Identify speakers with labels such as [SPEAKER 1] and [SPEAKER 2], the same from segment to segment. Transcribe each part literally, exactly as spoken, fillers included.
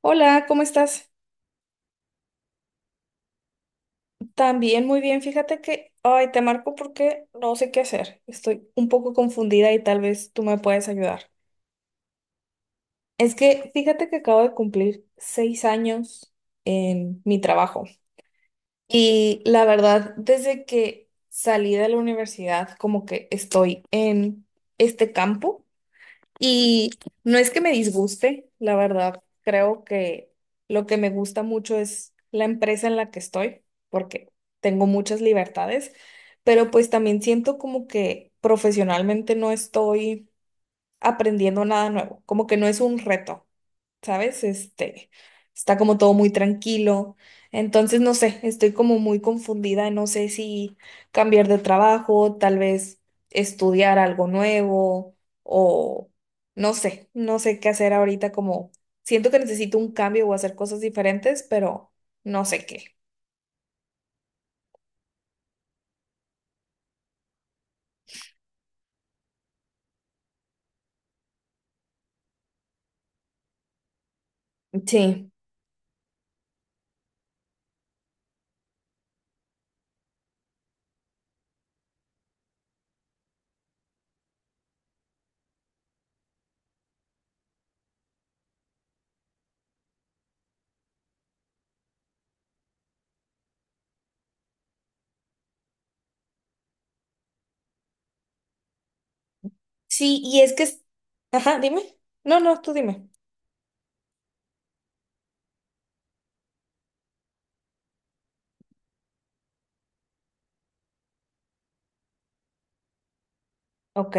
[SPEAKER 1] Hola, ¿cómo estás? También muy bien. Fíjate que, ay, te marco porque no sé qué hacer. Estoy un poco confundida y tal vez tú me puedes ayudar. Es que fíjate que acabo de cumplir seis años en mi trabajo y la verdad, desde que salí de la universidad, como que estoy en este campo. Y no es que me disguste, la verdad, creo que lo que me gusta mucho es la empresa en la que estoy, porque tengo muchas libertades, pero pues también siento como que profesionalmente no estoy aprendiendo nada nuevo, como que no es un reto. ¿Sabes? Este, está como todo muy tranquilo. Entonces, no sé, estoy como muy confundida, no sé si cambiar de trabajo, tal vez estudiar algo nuevo o no sé, no sé qué hacer ahorita, como siento que necesito un cambio o hacer cosas diferentes, pero no sé qué. Sí. Sí, y es que, es- ajá, dime. No, no, tú dime. Ok.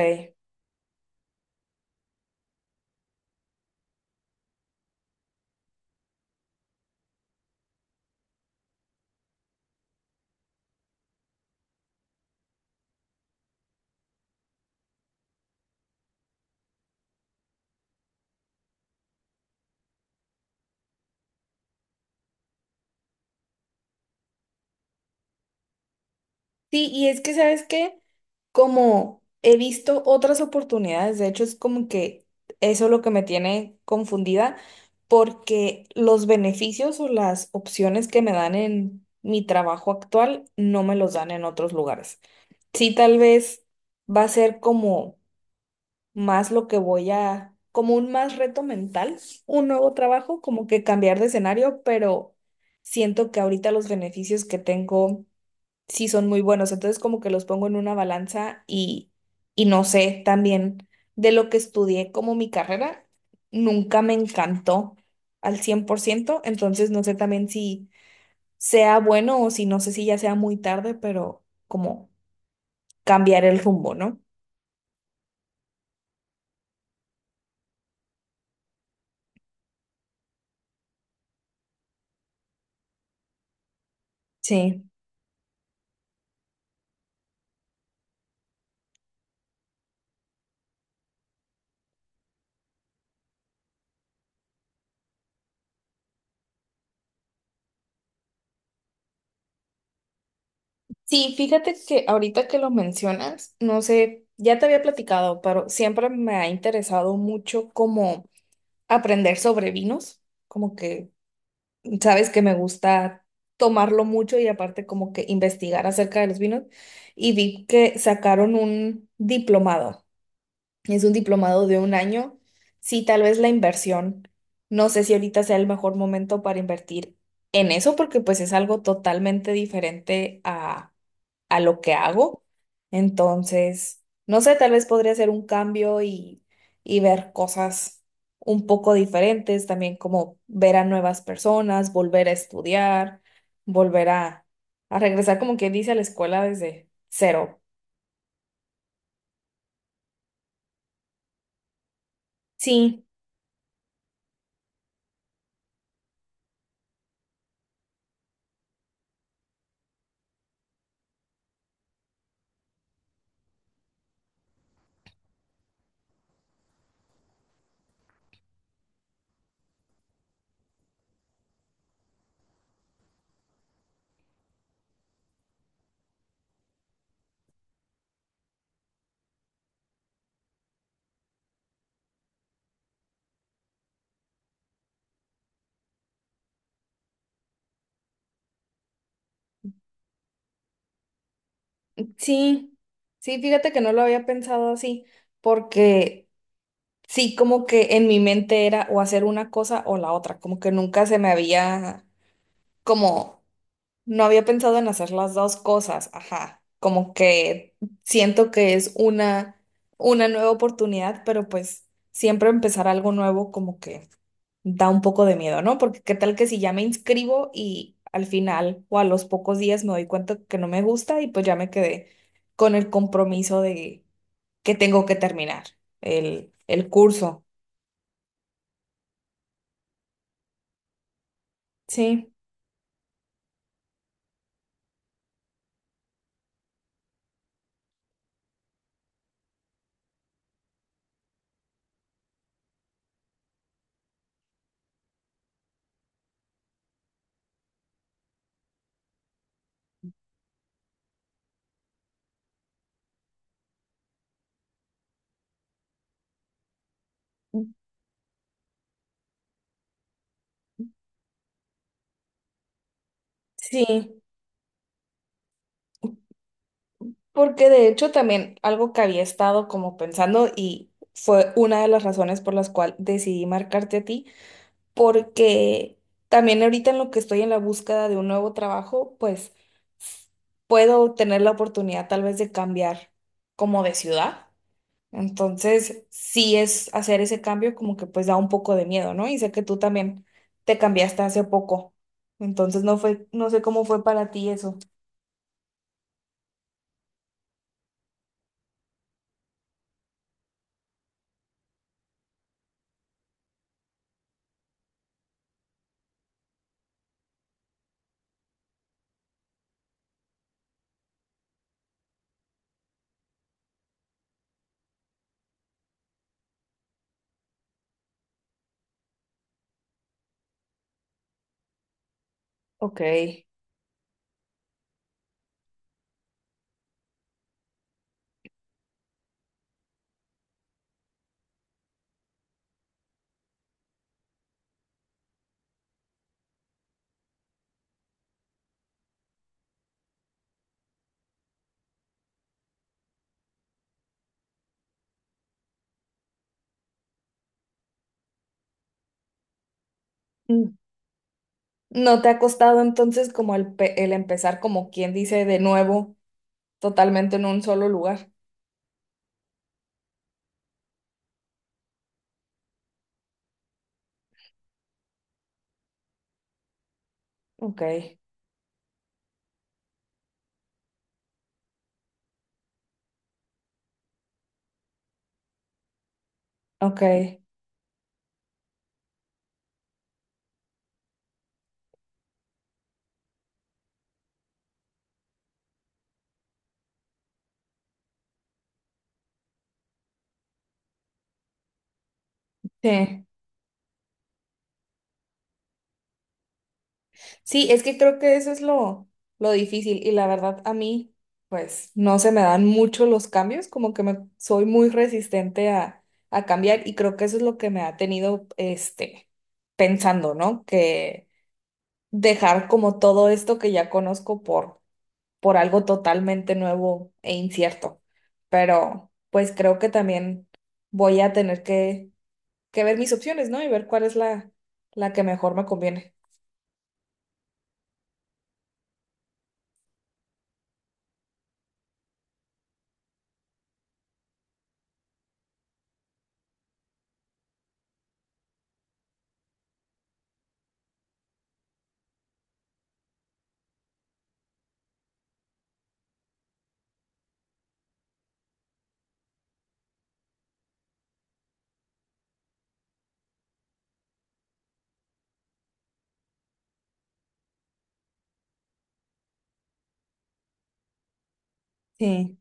[SPEAKER 1] Sí, y es que, ¿sabes qué? Como he visto otras oportunidades, de hecho es como que eso es lo que me tiene confundida, porque los beneficios o las opciones que me dan en mi trabajo actual no me los dan en otros lugares. Sí, tal vez va a ser como más lo que voy a, como un más reto mental, un nuevo trabajo, como que cambiar de escenario, pero siento que ahorita los beneficios que tengo sí son muy buenos. Entonces como que los pongo en una balanza y, y, no sé, también de lo que estudié como mi carrera, nunca me encantó al cien por ciento, entonces no sé también si sea bueno o si no sé si ya sea muy tarde, pero como cambiar el rumbo, ¿no? Sí. Sí, fíjate que ahorita que lo mencionas, no sé, ya te había platicado, pero siempre me ha interesado mucho como aprender sobre vinos, como que sabes que me gusta tomarlo mucho y aparte como que investigar acerca de los vinos. Y vi que sacaron un diplomado. Es un diplomado de un año. Sí, tal vez la inversión. No sé si ahorita sea el mejor momento para invertir en eso, porque pues es algo totalmente diferente a lo que hago. Entonces, no sé, tal vez podría hacer un cambio y, y ver cosas un poco diferentes, también como ver a nuevas personas, volver a estudiar, volver a, a regresar, como quien dice, a la escuela desde cero. Sí, sí, sí, fíjate que no lo había pensado así, porque sí, como que en mi mente era o hacer una cosa o la otra, como que nunca se me había como no había pensado en hacer las dos cosas, ajá. Como que siento que es una, una nueva oportunidad, pero pues siempre empezar algo nuevo como que da un poco de miedo, ¿no? Porque qué tal que si ya me inscribo y al final o a los pocos días me doy cuenta que no me gusta y pues ya me quedé con el compromiso de que tengo que terminar el, el curso. Sí, sí. Porque de hecho también algo que había estado como pensando y fue una de las razones por las cuales decidí marcarte a ti, porque también ahorita en lo que estoy en la búsqueda de un nuevo trabajo, pues s- puedo tener la oportunidad tal vez de cambiar como de ciudad. Entonces, sí es hacer ese cambio como que pues da un poco de miedo, ¿no? Y sé que tú también te cambiaste hace poco. Entonces, no fue, no sé cómo fue para ti eso. Ok. ¿No te ha costado entonces como el, pe- el empezar, como quien dice, de nuevo, totalmente en un solo lugar? Ok, ok, sí. Sí, es que creo que eso es lo, lo difícil y la verdad a mí, pues no se me dan mucho los cambios, como que me, soy muy resistente a, a cambiar y creo que eso es lo que me ha tenido, este, pensando, ¿no? Que dejar como todo esto que ya conozco por por algo totalmente nuevo e incierto. Pero pues creo que también voy a tener que, que ver mis opciones, ¿no? Y ver cuál es la, la que mejor me conviene. Sí.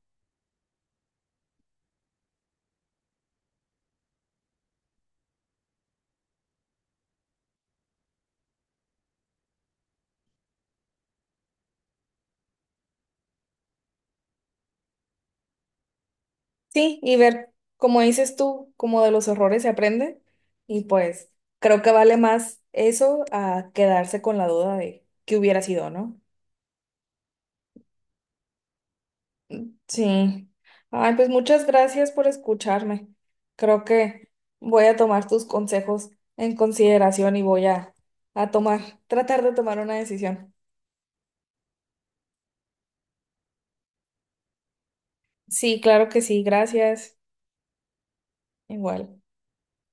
[SPEAKER 1] Sí, y ver, como dices tú, como de los errores se aprende. Y pues creo que vale más eso a quedarse con la duda de qué hubiera sido, ¿no? Sí. Ay, pues muchas gracias por escucharme. Creo que voy a tomar tus consejos en consideración y voy a, a tomar, tratar de tomar una decisión. Sí, claro que sí, gracias. Igual.